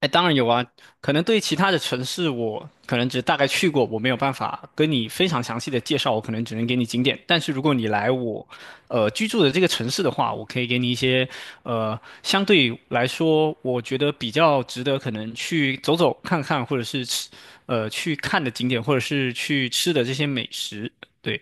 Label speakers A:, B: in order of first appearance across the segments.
A: 哎，当然有啊，可能对其他的城市，我可能只大概去过，我没有办法跟你非常详细的介绍，我可能只能给你景点。但是如果你来我，居住的这个城市的话，我可以给你一些，相对来说，我觉得比较值得可能去走走看看，或者是吃，去看的景点，或者是去吃的这些美食。对，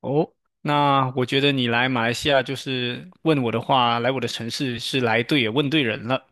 A: 哦，那我觉得你来马来西亚就是问我的话，来我的城市是来对也问对人了。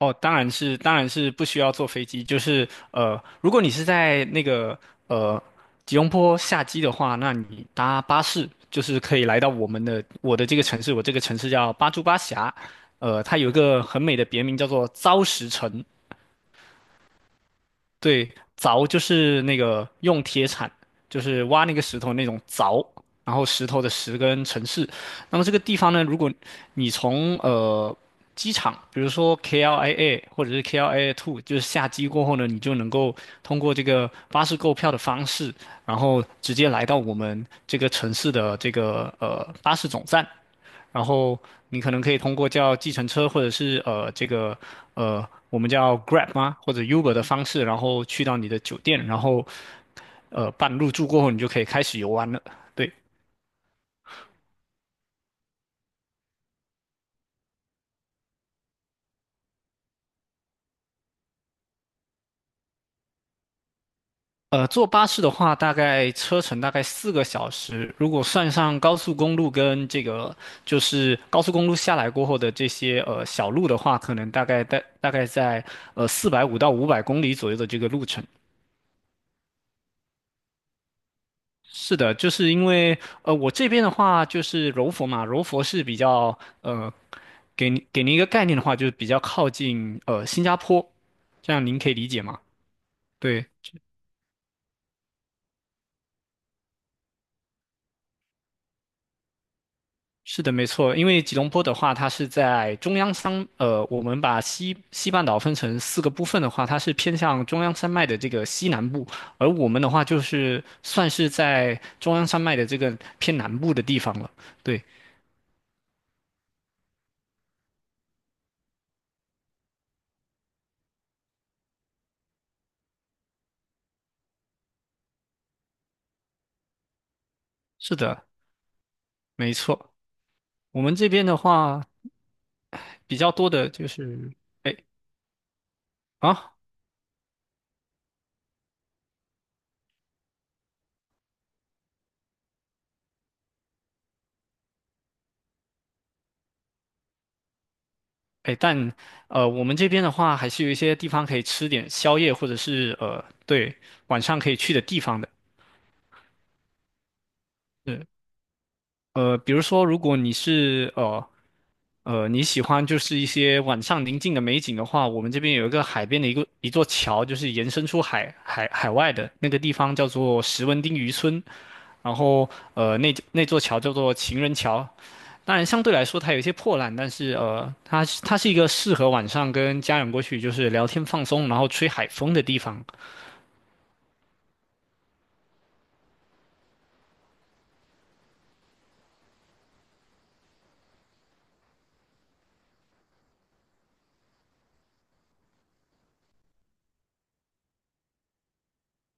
A: 哦，当然是不需要坐飞机。就是如果你是在那个呃吉隆坡下机的话，那你搭巴士就是可以来到我的这个城市，我这个城市叫巴珠巴峡，它有一个很美的别名叫做糟石城。对，凿就是那个用铁铲，就是挖那个石头那种凿，然后石头的石跟城市。那么这个地方呢，如果你从机场，比如说 KLIA 或者是 KLIA Two,就是下机过后呢，你就能够通过这个巴士购票的方式，然后直接来到我们这个城市的这个巴士总站。然后你可能可以通过叫计程车或者是这个我们叫 Grab 吗或者 Uber 的方式，然后去到你的酒店，然后办入住过后，你就可以开始游玩了。对，坐巴士的话，大概车程大概4个小时，如果算上高速公路跟这个就是高速公路下来过后的这些小路的话，可能大概大概在450到500公里左右的这个路程。是的，就是因为我这边的话就是柔佛嘛，柔佛是比较呃，给您一个概念的话，就是比较靠近新加坡，这样您可以理解吗？对，是的，没错，因为吉隆坡的话，它是在中央山，呃，我们把西半岛分成四个部分的话，它是偏向中央山脉的这个西南部，而我们的话就是算是在中央山脉的这个偏南部的地方了。对，是的，没错。我们这边的话，比较多的就是，哎啊哎，但我们这边的话，还是有一些地方可以吃点宵夜，或者是呃，对，晚上可以去的地方的。是比如说，如果你是你喜欢就是一些晚上宁静的美景的话，我们这边有一个海边的一个一座桥，就是延伸出海外的那个地方叫做石文町渔村，然后那座桥叫做情人桥，当然，相对来说它有一些破烂，但是呃，它是一个适合晚上跟家人过去就是聊天放松，然后吹海风的地方。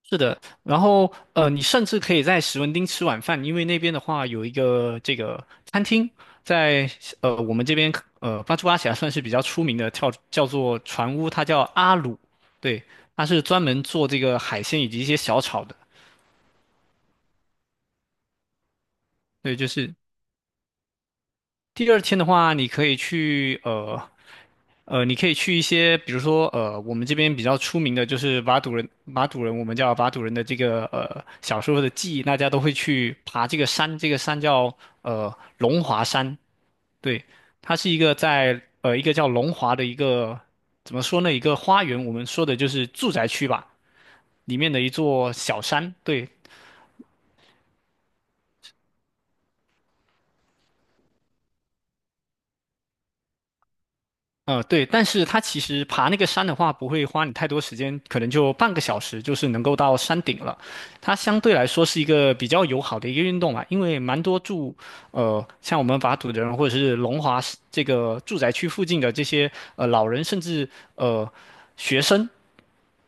A: 是的，然后你甚至可以在史文町吃晚饭，因为那边的话有一个这个餐厅，在我们这边巴珠巴峡算是比较出名的，叫做船屋，它叫阿鲁，对，它是专门做这个海鲜以及一些小炒的，对，就是第二天的话，你可以去你可以去一些，比如说我们这边比较出名的就是瓦杜人，瓦杜人我们叫瓦杜人的这个小时候的记忆，大家都会去爬这个山，这个山叫龙华山，对，它是一个在一个叫龙华的一个怎么说呢，一个花园，我们说的就是住宅区吧，里面的一座小山，对，对，但是它其实爬那个山的话，不会花你太多时间，可能就半个小时，就是能够到山顶了。它相对来说是一个比较友好的一个运动嘛，因为蛮多住，像我们瓦土的人或者是龙华市这个住宅区附近的这些老人，甚至呃学生，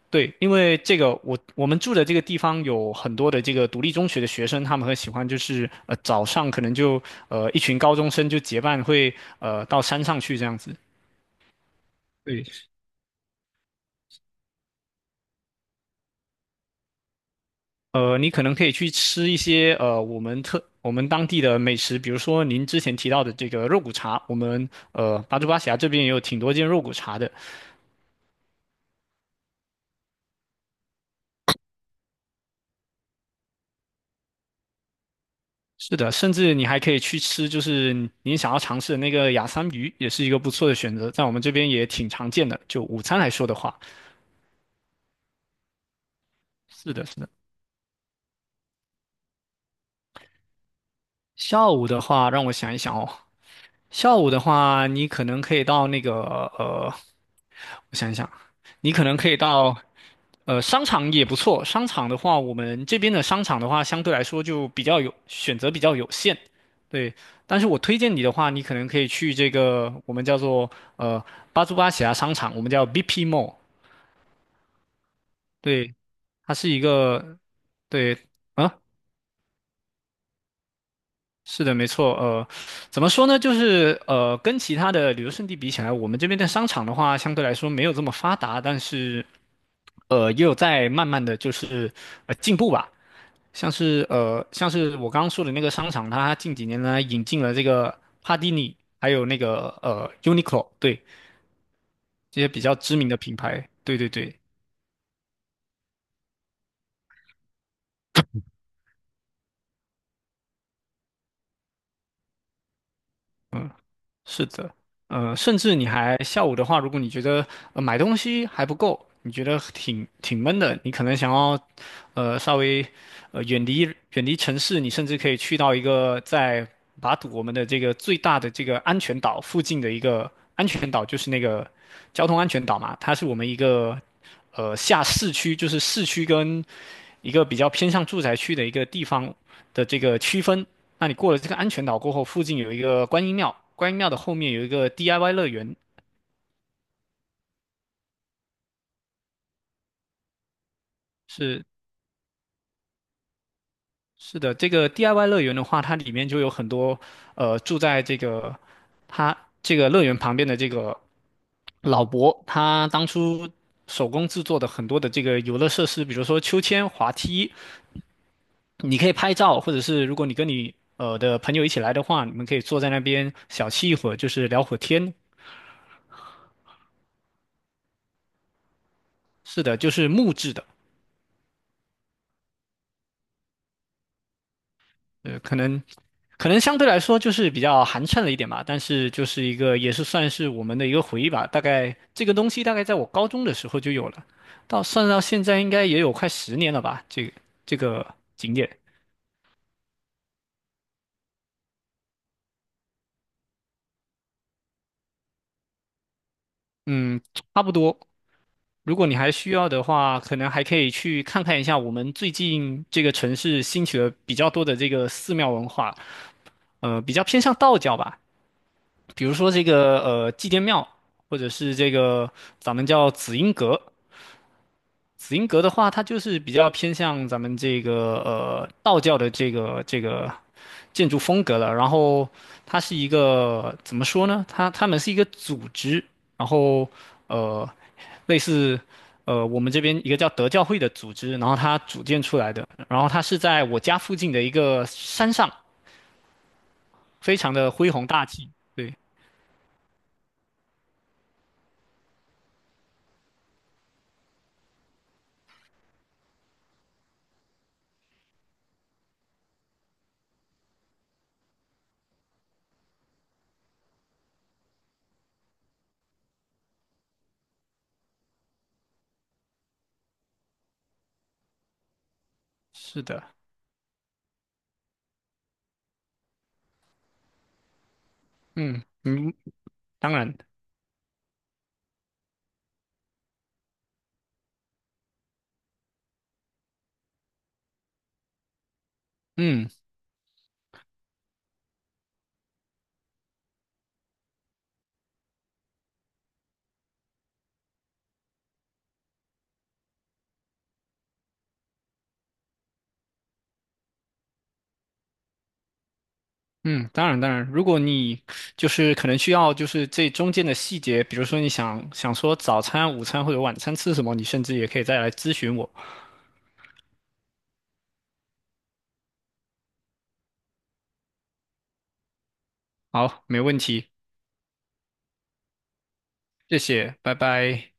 A: 对，因为这个我们住的这个地方有很多的这个独立中学的学生，他们很喜欢就是早上可能就一群高中生就结伴会到山上去这样子。对，你可能可以去吃一些我们当地的美食，比如说您之前提到的这个肉骨茶，我们巴珠巴峡这边也有挺多间肉骨茶的。是的，甚至你还可以去吃，就是您想要尝试的那个雅桑鱼，也是一个不错的选择，在我们这边也挺常见的。就午餐来说的话，是的，是的。下午的话，让我想一想哦，下午的话，你可能可以到那个呃，我想一想，你可能可以到商场也不错。商场的话，我们这边的商场的话，相对来说就比较有选择比较有限，对。但是我推荐你的话，你可能可以去这个我们叫做呃巴珠巴喜亚商场，我们叫 BP Mall,对，它是一个对。啊。是的，没错。怎么说呢？就是跟其他的旅游胜地比起来，我们这边的商场的话，相对来说没有这么发达，但是也有在慢慢的就是进步吧。像是像是我刚刚说的那个商场，它近几年呢引进了这个帕蒂尼，还有那个Uniqlo,对，这些比较知名的品牌。对对对，是的，甚至你还下午的话，如果你觉得买东西还不够，你觉得挺闷的，你可能想要稍微呃远离远离城市，你甚至可以去到一个在巴堵我们的这个最大的这个安全岛附近的一个安全岛，就是那个交通安全岛嘛，它是我们一个下市区，就是市区跟一个比较偏向住宅区的一个地方的这个区分。那你过了这个安全岛过后，附近有一个观音庙，观音庙的后面有一个 DIY 乐园。是是的，这个 DIY 乐园的话，它里面就有很多住在这个它这个乐园旁边的这个老伯，他当初手工制作的很多的这个游乐设施，比如说秋千、滑梯，你可以拍照，或者是如果你跟的朋友一起来的话，你们可以坐在那边小憩一会儿，就是聊会儿天，是的，就是木质的，呃，可能可能相对来说就是比较寒碜了一点吧，但是就是一个也是算是我们的一个回忆吧。大概这个东西大概在我高中的时候就有了，到算到现在应该也有快10年了吧。这个景点，嗯，差不多。如果你还需要的话，可能还可以去看看一下我们最近这个城市兴起的比较多的这个寺庙文化，比较偏向道教吧。比如说这个祭奠庙，或者是这个咱们叫紫英阁。紫英阁的话，它就是比较偏向咱们这个道教的这个建筑风格了。然后它是一个怎么说呢？它们是一个组织，然后呃类似我们这边一个叫德教会的组织，然后它组建出来的。然后它是在我家附近的一个山上，非常的恢弘大气。对，是的。嗯，嗯。当然，嗯嗯，当然，如果你就是可能需要就是这中间的细节，比如说想说早餐、午餐或者晚餐吃什么，你甚至也可以再来咨询我。好，没问题，谢谢，拜拜。